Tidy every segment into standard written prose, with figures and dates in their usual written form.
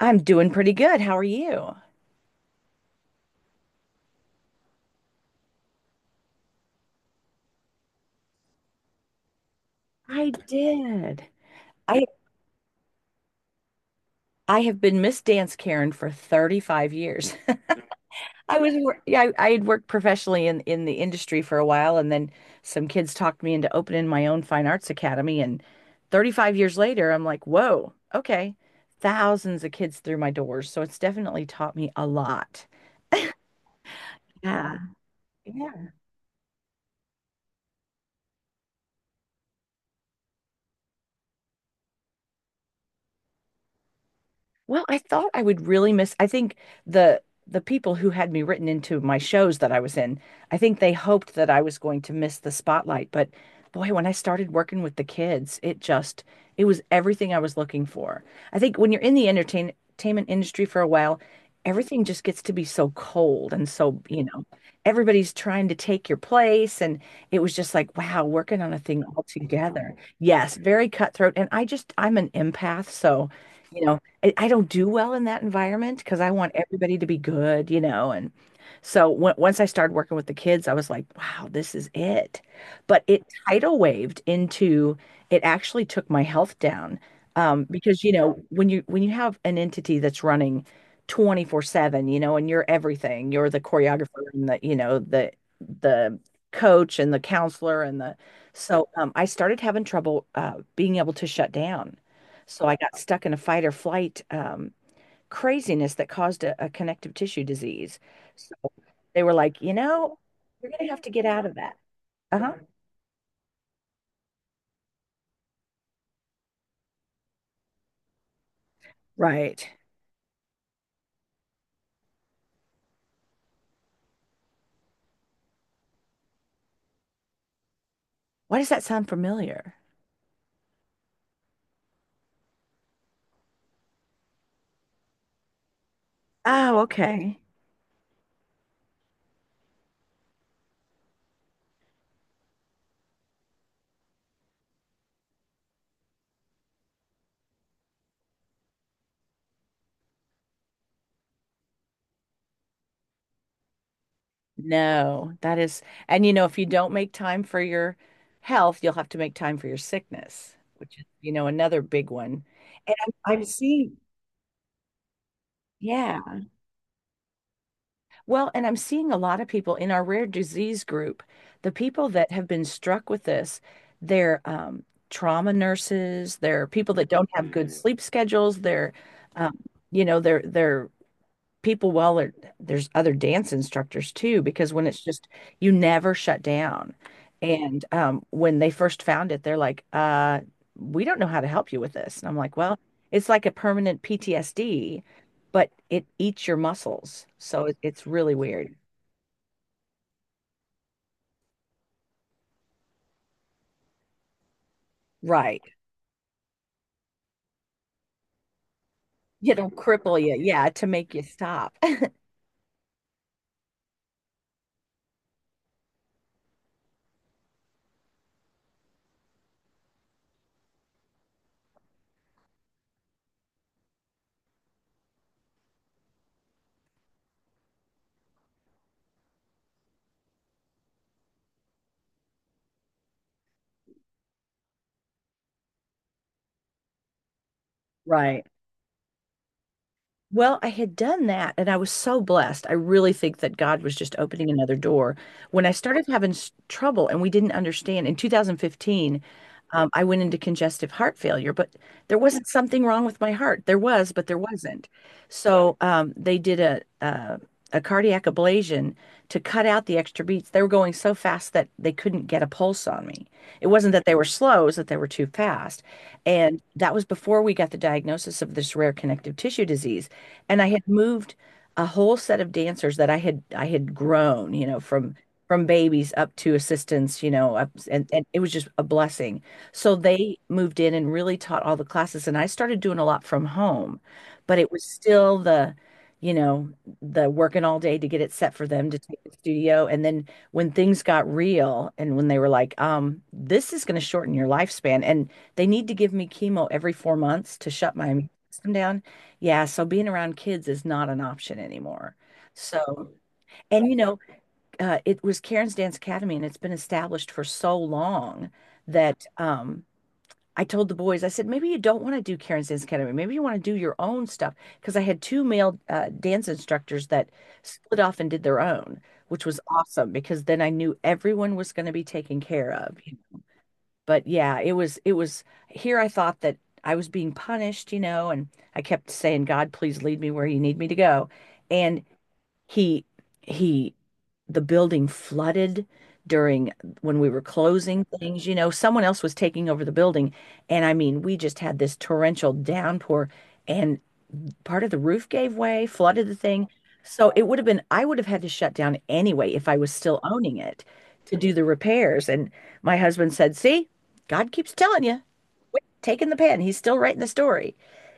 I'm doing pretty good. How are you? I did. I I have been Miss Dance Karen for 35 years. Yeah, I had worked professionally in the industry for a while, and then some kids talked me into opening my own fine arts academy, and 35 years later I'm like, "Whoa, okay." Thousands of kids through my doors, so it's definitely taught me a lot. Yeah. Well, I thought I would really miss. I think the people who had me written into my shows that I was in, I think they hoped that I was going to miss the spotlight. But boy, when I started working with the kids, it was everything I was looking for. I think when you're in the entertainment industry for a while, everything just gets to be so cold, and so everybody's trying to take your place. And it was just like, wow, working on a thing all together. Yes, very cutthroat. And I'm an empath, so. You know, I don't do well in that environment because I want everybody to be good. And so w once I started working with the kids, I was like, wow, this is it. But it tidal waved into, it actually took my health down. Because when you have an entity that's running 24/7, and you're everything, you're the choreographer and the coach and the counselor and the so I started having trouble being able to shut down. So I got stuck in a fight or flight craziness that caused a connective tissue disease. So they were like, you're going to have to get out of that. Uh-huh. Right. Why does that sound familiar? Oh, okay. No, that is, and if you don't make time for your health, you'll have to make time for your sickness, which is, another big one. And I see. Yeah. Well, and I'm seeing a lot of people in our rare disease group, the people that have been struck with this, they're trauma nurses, they're people that don't have good sleep schedules, they're, um, you know, they're people, well are there's other dance instructors too because when it's just you never shut down. And when they first found it, they're like, we don't know how to help you with this. And I'm like, well, it's like a permanent PTSD, but it eats your muscles, so it's really weird. Right, it'll cripple you, yeah, to make you stop. Right. Well, I had done that, and I was so blessed. I really think that God was just opening another door. When I started having trouble and we didn't understand in 2015, I went into congestive heart failure, but there wasn't something wrong with my heart. There was, but there wasn't. So they did a cardiac ablation to cut out the extra beats. They were going so fast that they couldn't get a pulse on me. It wasn't that they were slow, it was that they were too fast. And that was before we got the diagnosis of this rare connective tissue disease. And I had moved a whole set of dancers that I had grown, from babies up to assistants, up, and it was just a blessing. So they moved in and really taught all the classes, and I started doing a lot from home, but it was still you know, the working all day to get it set for them to take to the studio. And then when things got real and when they were like, this is going to shorten your lifespan, and they need to give me chemo every 4 months to shut my immune system down. Yeah, so being around kids is not an option anymore. So, and it was Karen's Dance Academy, and it's been established for so long that I told the boys, I said, maybe you don't want to do Karen's Dance Academy. Maybe you want to do your own stuff. Because I had two male dance instructors that split off and did their own, which was awesome because then I knew everyone was going to be taken care of. But yeah, it was here I thought that I was being punished, and I kept saying, God, please lead me where you need me to go. And he he the building flooded during when we were closing things, someone else was taking over the building. And I mean, we just had this torrential downpour, and part of the roof gave way, flooded the thing. So it would have been, I would have had to shut down anyway if I was still owning it, to do the repairs. And my husband said, "See, God keeps telling you, quit taking the pen. He's still writing the story."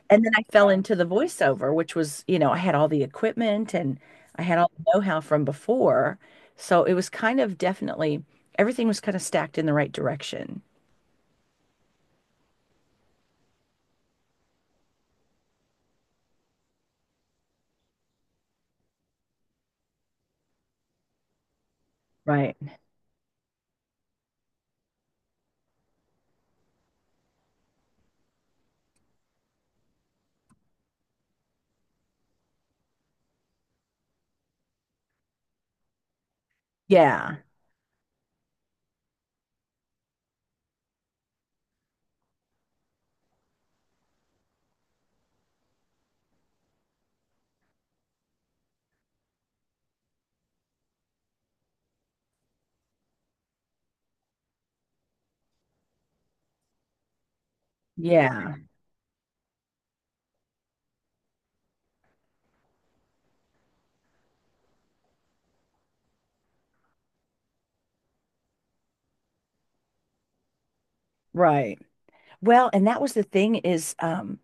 And then I fell into the voiceover, which was, I had all the equipment and I had all the know-how from before. So it was kind of definitely, everything was kind of stacked in the right direction. Right. Yeah. Yeah. Right. Well, and that was the thing is,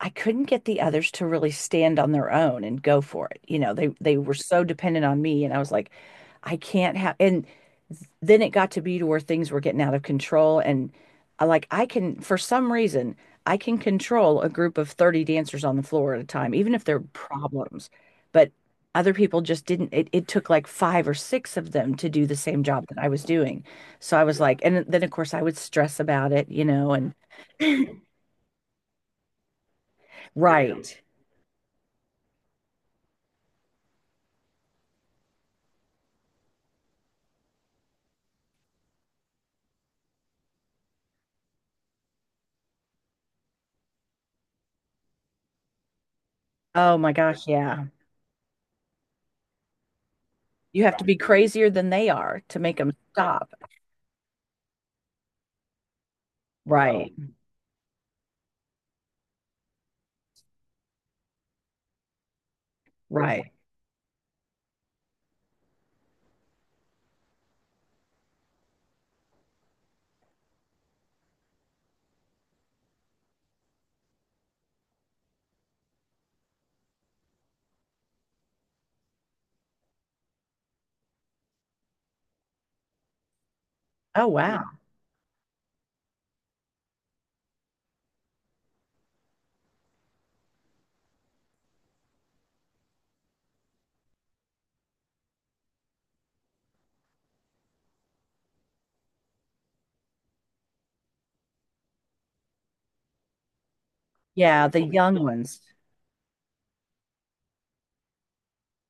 I couldn't get the others to really stand on their own and go for it. They were so dependent on me, and I was like, I can't have. And then it got to be to where things were getting out of control. And I like I can, for some reason I can control a group of 30 dancers on the floor at a time, even if they're problems. But other people just didn't. It took like five or six of them to do the same job that I was doing. So I was like, and then of course I would stress about it, and right. Oh my gosh, yeah. You have to be crazier than they are to make them stop. Right. Right. Oh, wow. Yeah, the young ones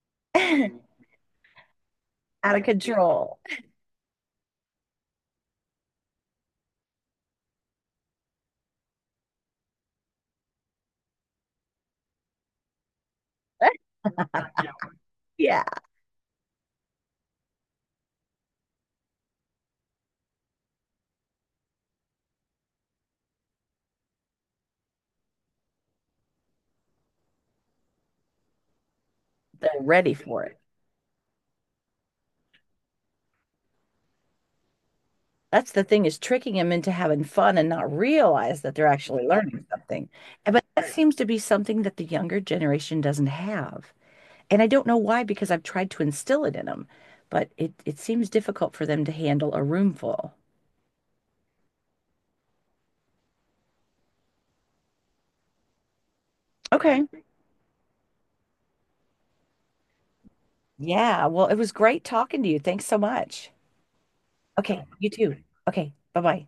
out of control. Yeah, they're ready for it. That's the thing is tricking them into having fun and not realize that they're actually learning something. But that seems to be something that the younger generation doesn't have. And I don't know why, because I've tried to instill it in them, but it seems difficult for them to handle a room full. Okay. Yeah. Well, it was great talking to you. Thanks so much. Okay, you too. Okay, bye-bye.